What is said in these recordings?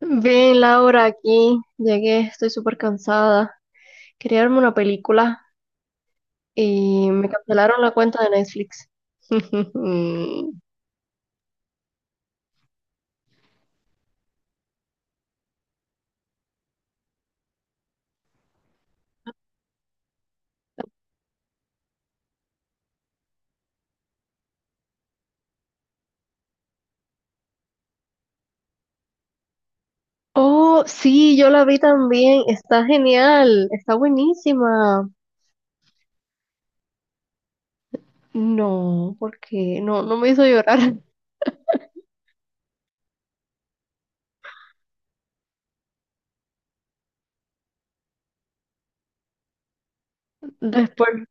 Bien, Laura, aquí llegué, estoy súper cansada. Quería verme una película y me cancelaron la cuenta de Netflix. Oh, sí, yo la vi también. Está genial, está buenísima. No, porque no, no me hizo llorar. Después,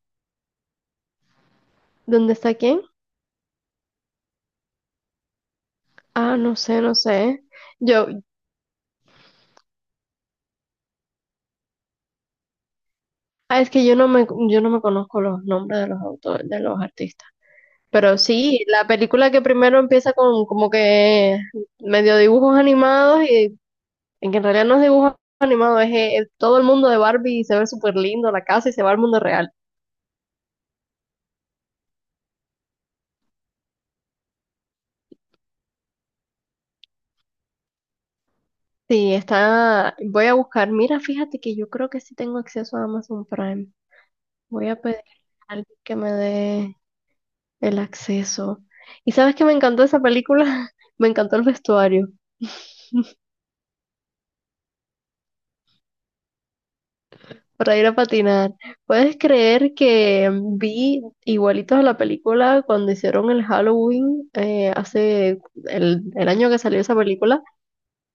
¿dónde está quién? Ah, no sé, no sé. Yo, es que yo no me conozco los nombres de los autores, de los artistas. Pero sí, la película que primero empieza con como que medio dibujos animados y en que en realidad no es dibujos animados, es, todo el mundo de Barbie y se ve súper lindo la casa y se va al mundo real. Sí, está, voy a buscar, mira, fíjate que yo creo que sí tengo acceso a Amazon Prime. Voy a pedir a alguien que me dé el acceso. ¿Y sabes que me encantó esa película? Me encantó el vestuario. Para ir a patinar. ¿Puedes creer que vi igualitos a la película cuando hicieron el Halloween hace el año que salió esa película?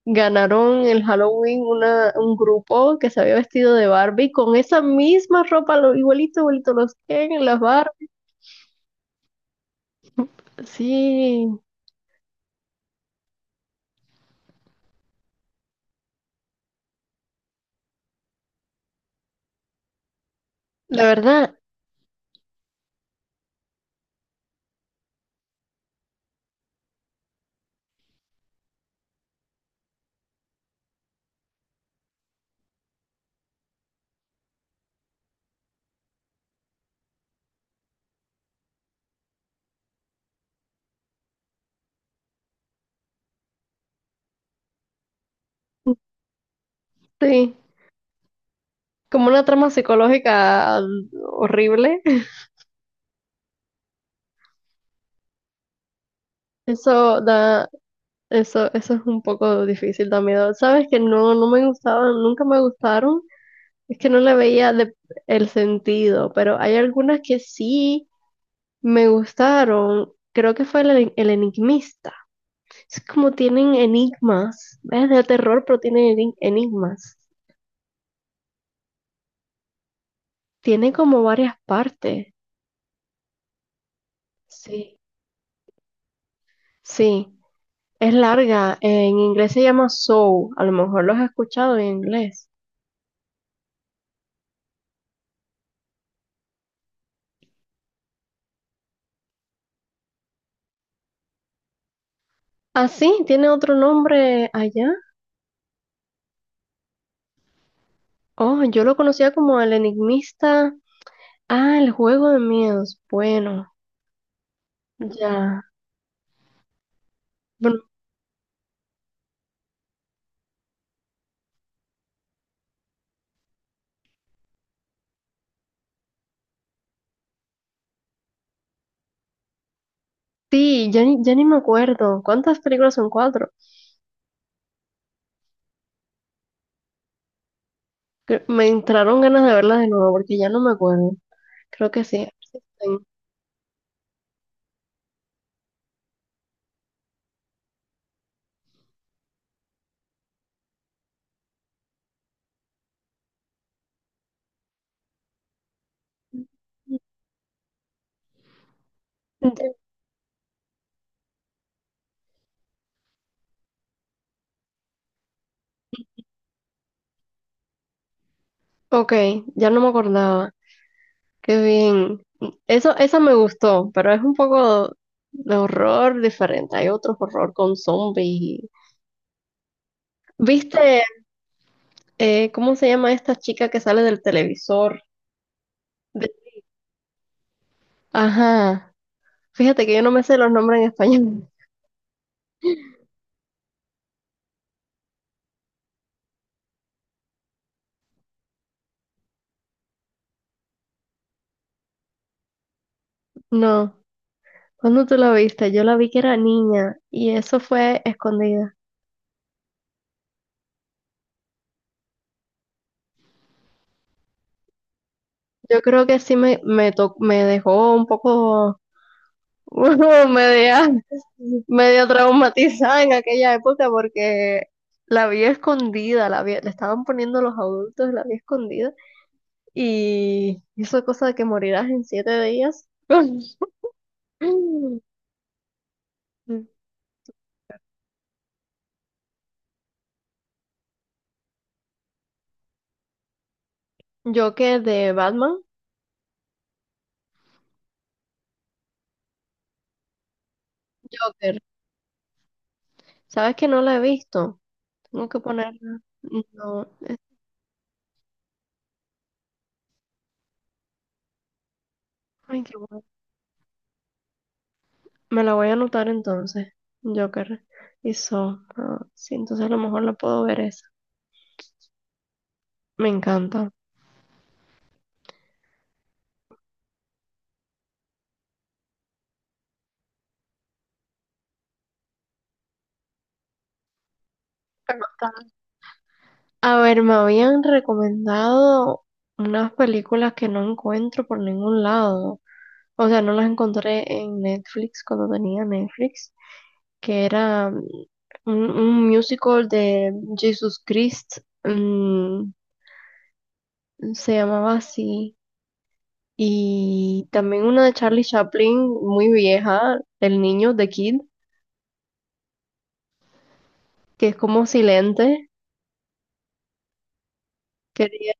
Ganaron el Halloween un grupo que se había vestido de Barbie con esa misma ropa, lo, igualito, igualito, los Ken, las Barbie. Sí, la verdad, sí. Como una trama psicológica horrible. Eso da eso es un poco difícil también. Sabes que no, no me gustaban, nunca me gustaron. Es que no le veía el sentido, pero hay algunas que sí me gustaron. Creo que fue el enigmista. Es como tienen enigmas. Es de terror, pero tienen enigmas. Tiene como varias partes. Sí. Sí. Es larga. En inglés se llama Soul. A lo mejor los has escuchado en inglés. Ah, sí, tiene otro nombre allá. Oh, yo lo conocía como el enigmista. Ah, el juego de miedos. Bueno, ya. Bueno, sí, ya ni me acuerdo. ¿Cuántas películas son cuatro? Me entraron ganas de verlas de nuevo porque ya no me acuerdo. Creo que sí. Ent- Ok, ya no me acordaba. Qué bien. Eso, esa me gustó, pero es un poco de horror diferente. Hay otro horror con zombies. Y- ¿Viste cómo se llama esta chica que sale del televisor? Ajá. Fíjate que yo no me sé los nombres en español. No. ¿Cuándo tú la viste? Yo la vi que era niña y eso fue escondida. Yo creo que sí me dejó un poco media, medio traumatizada en aquella época porque la vi escondida, le estaban poniendo los adultos, la vi escondida y hizo cosa de que morirás en 7 días. Joker de Batman. Joker. ¿Sabes que no la he visto? Tengo que ponerla. No. Ay, qué bueno. Me la voy a anotar entonces. Joker y So. Ah, sí, entonces a lo mejor la puedo ver esa. Me encanta. A ver, me habían recomendado unas películas que no encuentro por ningún lado. O sea, no las encontré en Netflix cuando tenía Netflix, que era un musical de Jesus Christ. Se llamaba así. Y también una de Charlie Chaplin, muy vieja, El niño, de Kid, que es como silente. Quería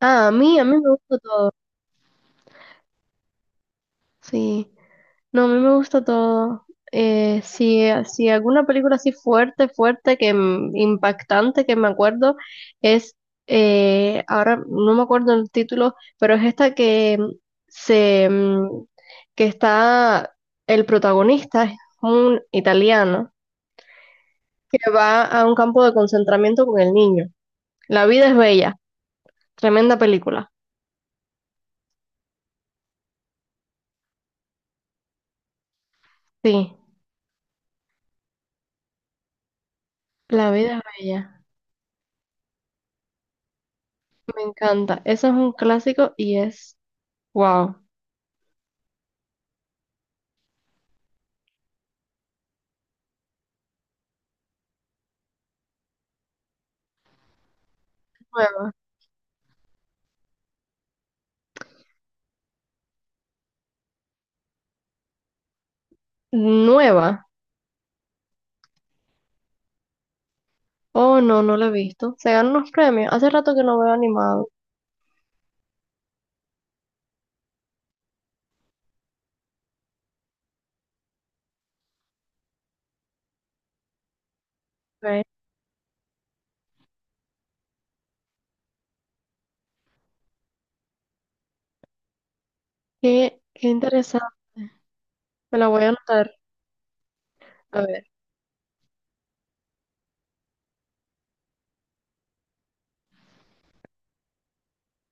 ah, a mí me gusta todo. Sí, no, a mí me gusta todo. Si alguna película así fuerte, fuerte, que impactante, que me acuerdo, es, ahora no me acuerdo el título, pero es esta que mm, se, mm, que está, el protagonista es un italiano que va a un campo de concentramiento con el niño. La vida es bella, tremenda película. Sí, La vida es bella, me encanta. Eso es un clásico y es wow. Nueva. Nueva. Oh, no, no la he visto. Se ganó unos premios. Hace rato que no veo animado. Ok. Qué interesante. Me la voy a anotar. A ver,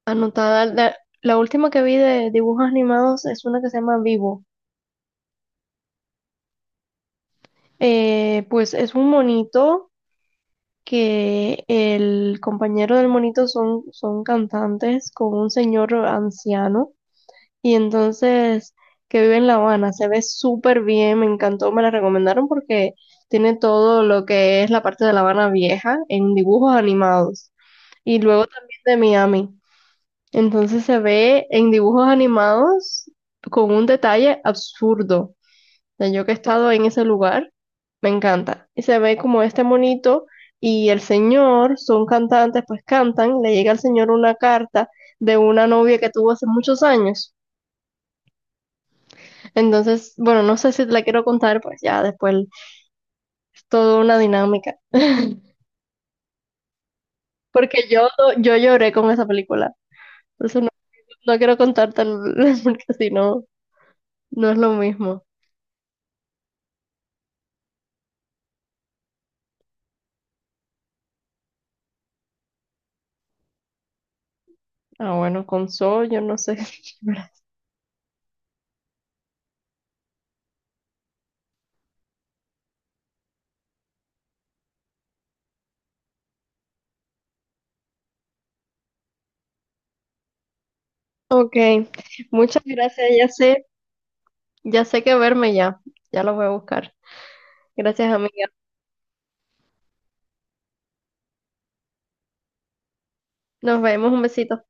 anotada. La última que vi de dibujos animados es una que se llama Vivo. Pues es un monito. Que el compañero del monito son cantantes con un señor anciano y entonces que vive en La Habana, se ve súper bien, me encantó, me la recomendaron porque tiene todo lo que es la parte de La Habana vieja en dibujos animados y luego también de Miami. Entonces se ve en dibujos animados con un detalle absurdo sea, yo que he estado en ese lugar, me encanta. Y se ve como este monito y el señor, son cantantes, pues cantan, le llega al señor una carta de una novia que tuvo hace muchos años. Entonces, bueno, no sé si te la quiero contar, pues ya después es toda una dinámica. Porque Yo lloré con esa película. Por eso no, no quiero contarte, porque si no, no es lo mismo. Ah, bueno, con Soul, yo no sé. Ok, muchas gracias, ya sé. Ya sé que verme ya. Ya lo voy a buscar. Gracias, amiga. Nos vemos. Un besito.